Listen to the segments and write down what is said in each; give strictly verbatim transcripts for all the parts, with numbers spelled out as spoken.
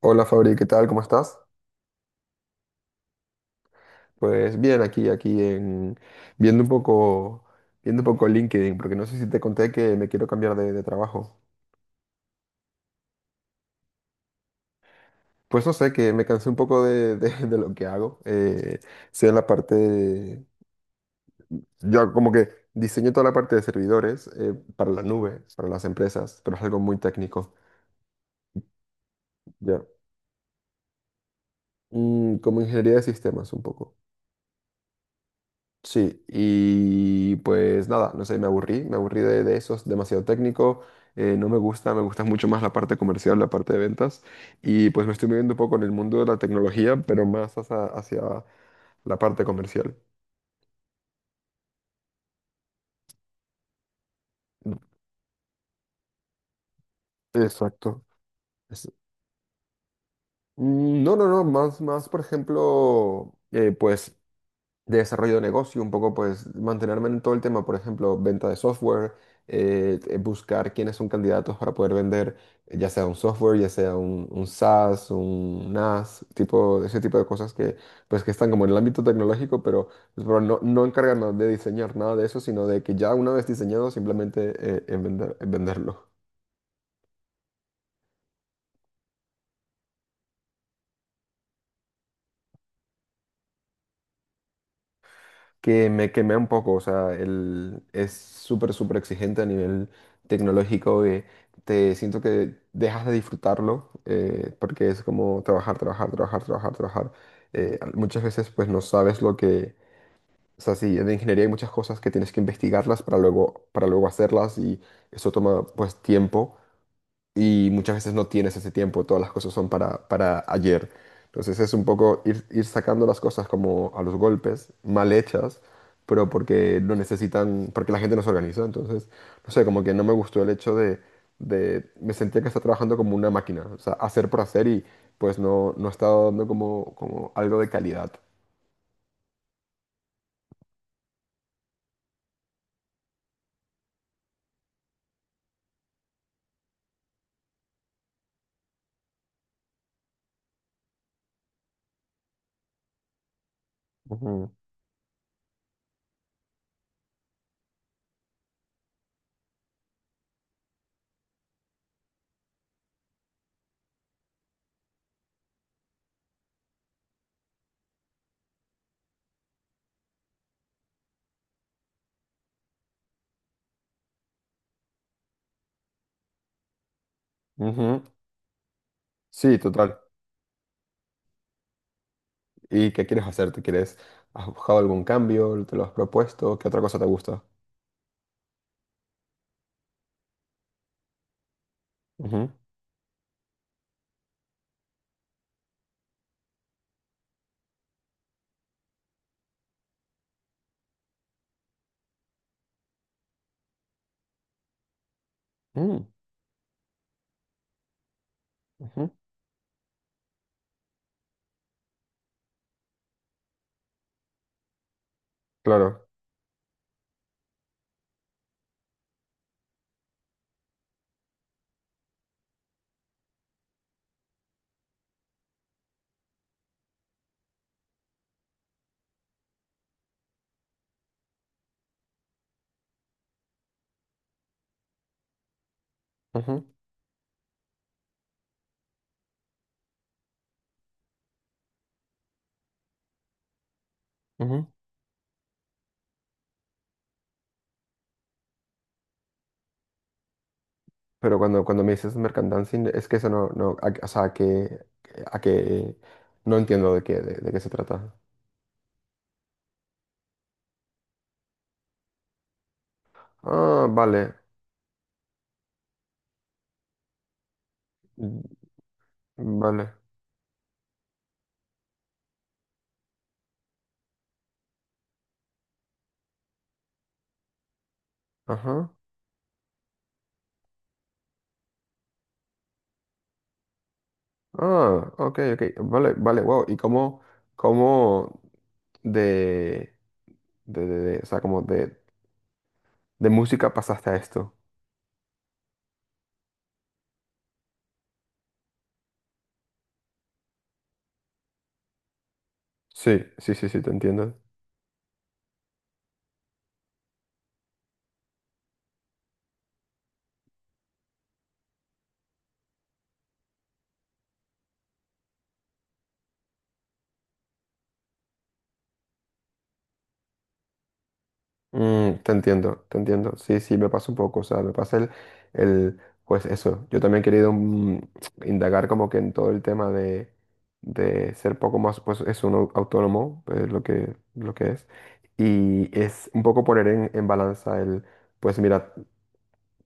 Hola Fabri, ¿qué tal? ¿Cómo estás? Pues bien, aquí, aquí en viendo un poco, viendo un poco LinkedIn, porque no sé si te conté que me quiero cambiar de, de trabajo. Pues no sé, que me cansé un poco de, de- de lo que hago. Eh, sea en la parte, de- yo como que diseño toda la parte de servidores eh, para la nube, para las empresas, pero es algo muy técnico. Ya. Mm, como ingeniería de sistemas un poco. Sí, y pues nada, no sé, me aburrí, me aburrí de, de eso, es demasiado técnico, eh, no me gusta, me gusta mucho más la parte comercial, la parte de ventas, y pues me estoy moviendo un poco en el mundo de la tecnología, pero más hacia, hacia la parte comercial. Exacto. Es- Mm, no, no, no, más, más, por ejemplo, eh, pues de desarrollo de negocio, un poco pues mantenerme en todo el tema, por ejemplo, venta de software, eh, eh, buscar quiénes son candidatos para poder vender, eh, ya sea un software, ya sea un, un, SaaS, un N A S, tipo, ese tipo de cosas que pues que están como en el ámbito tecnológico, pero, pues, pero no, no encargarnos de diseñar nada de eso, sino de que ya una vez diseñado, simplemente eh, en vender, en venderlo. Que me quemé un poco, o sea, el, es súper, súper exigente a nivel tecnológico, que te siento que dejas de disfrutarlo, eh, porque es como trabajar, trabajar, trabajar, trabajar, trabajar. Eh, al- muchas veces pues no sabes lo que, o sea, sí, en ingeniería hay muchas cosas que tienes que investigarlas para luego, para luego hacerlas y eso toma pues tiempo y muchas veces no tienes ese tiempo, todas las cosas son para, para ayer. Entonces es un poco ir, ir sacando las cosas como a los golpes, mal hechas, pero porque no necesitan, porque la gente no se organiza. Entonces, no sé, como que no me gustó el hecho de, de me sentía que estaba trabajando como una máquina, o sea, hacer por hacer y pues no, no estaba dando como, como algo de calidad. Ujú, ujú. Sí, total. ¿Y qué quieres hacer? ¿Te quieres, has buscado algún cambio? ¿Te lo has propuesto? ¿Qué otra cosa te gusta? Ujú. Mm. Ujú, claro. Ujú, ujú. Pero cuando, cuando me dices mercant es que eso no, no, a- o sea, que, a que no entiendo de qué, de, de qué se trata. Ah, vale, mm, vale, ajá. Ah, ok, ok, vale, vale, wow. ¿Y cómo, cómo de, de, de- de- o sea, como de, de música pasaste a esto? Sí, sí, sí, sí, te entiendo. Mm, te entiendo, te entiendo. Sí, sí, me pasa un poco. O sea, me pasa el, el, pues eso. Yo también he querido mm, indagar como que en todo el tema de, de ser poco más, pues es un au- autónomo, pues, lo que, lo que es. Y es un poco poner en, en balanza el, pues mira,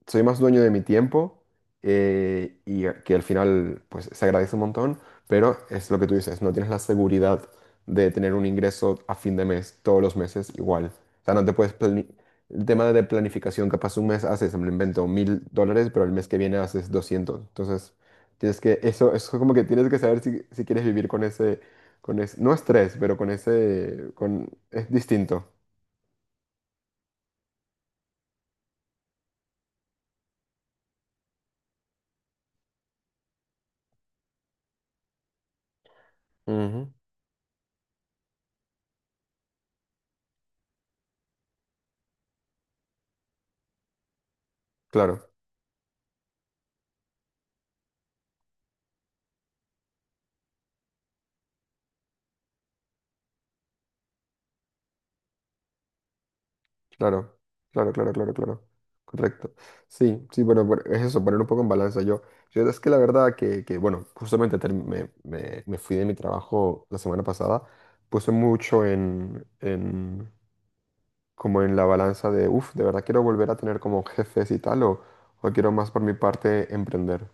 soy más dueño de mi tiempo eh, y a- que al final pues se agradece un montón, pero es lo que tú dices, no tienes la seguridad de tener un ingreso a fin de mes, todos los meses igual. O sea, no te puedes plani- el tema de planificación, capaz un mes haces, me lo invento, mil dólares, pero el mes que viene haces doscientos. Entonces, tienes que, eso, eso como que tienes que saber si, si quieres vivir con ese, con ese, no estrés, pero con ese, con, es distinto. Ujú, claro. Claro, claro, claro, claro, claro. Correcto. Sí, sí, bueno, por- es eso, poner un poco en balanza. Yo, yo es que la verdad que, que, bueno, justamente term- me, me- me fui de mi trabajo la semana pasada, puse mucho en, en- como en la balanza de, uff, de verdad quiero volver a tener como jefes y tal, o, o quiero más por mi parte emprender.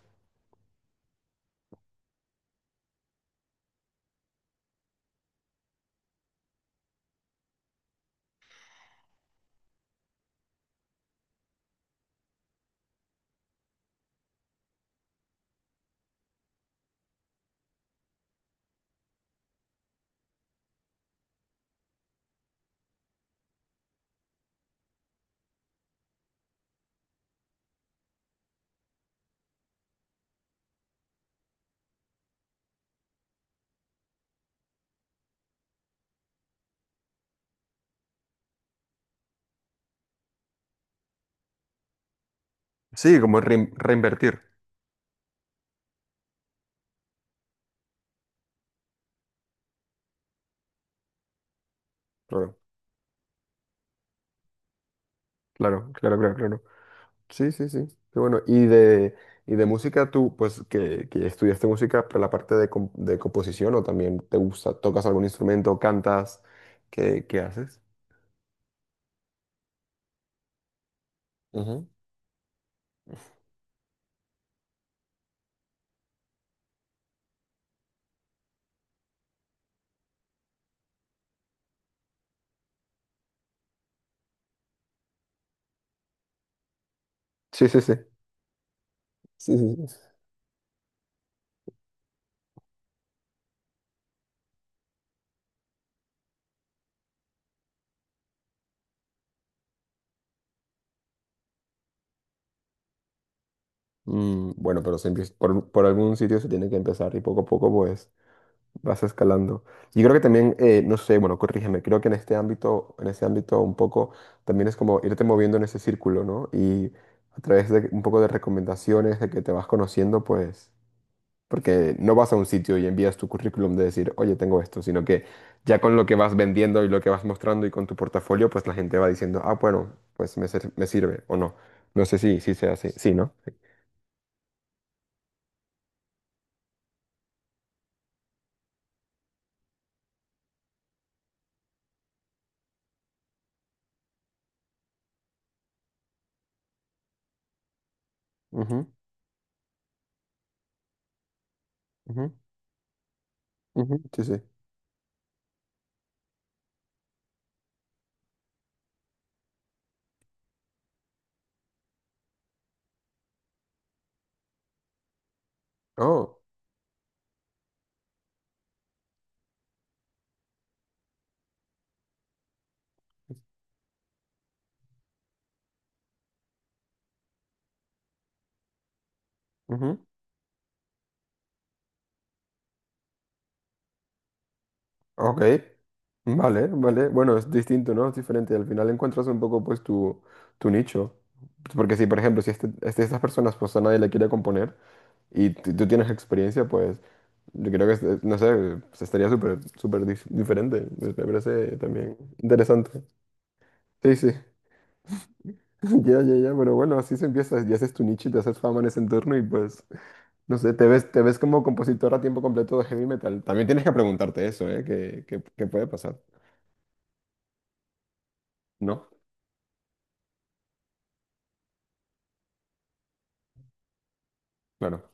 Sí, como rein- reinvertir. Claro, claro, claro, claro, claro. Sí, sí, sí. Qué bueno. Y de, y de música, tú, pues, que, que estudiaste música, pero la parte de, com- de composición, o también te gusta, tocas algún instrumento, cantas, ¿qué, qué haces? Ujú. Sí, sí, sí. Sí, sí, sí. Mm, bueno, pero se empieza- por, por algún sitio se tiene que empezar y poco a poco, pues, vas escalando. Y creo que también, eh, no sé, bueno, corrígeme, creo que en este ámbito, en ese ámbito un poco, también es como irte moviendo en ese círculo, ¿no? Y a través de un poco de recomendaciones, de que te vas conociendo, pues. Porque no vas a un sitio y envías tu currículum de decir, oye, tengo esto, sino que ya con lo que vas vendiendo y lo que vas mostrando y con tu portafolio, pues la gente va diciendo, ah, bueno, pues me, sir- me sirve o no. No sé si, si sea así. Sí, ¿no? Sí, ujú, ujú, ujú, sí. Sí. Oh, ujú, ok. Vale, vale. Bueno, es distinto, ¿no? Es diferente. Al final encuentras un poco, pues, tu, tu nicho. Porque si, por ejemplo, si este, este- estas personas, pues a nadie le quiere componer y tú tú tienes experiencia, pues... Yo creo que, este- no sé, pues, estaría súper, súper dif- diferente. Me me parece también interesante. Sí, sí. Ya, ya, ya, pero bueno, así se empieza. Ya haces tu nicho y te haces fama en ese entorno y pues, no sé, te ves, te ves como compositor a tiempo completo de heavy metal. También tienes que preguntarte eso, ¿eh? ¿Qué, qué- qué puede pasar? ¿No? Claro,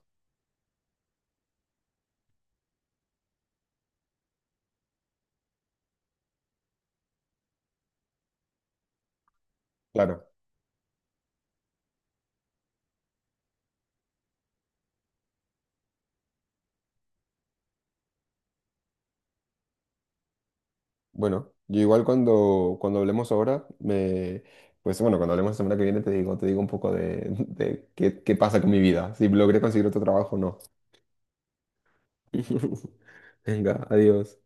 claro. Bueno, yo igual cuando, cuando hablemos ahora, me... Pues bueno, cuando hablemos la semana que viene te digo, te digo, un poco de, de qué, qué pasa con mi vida, si logré conseguir otro trabajo o no. Venga, adiós.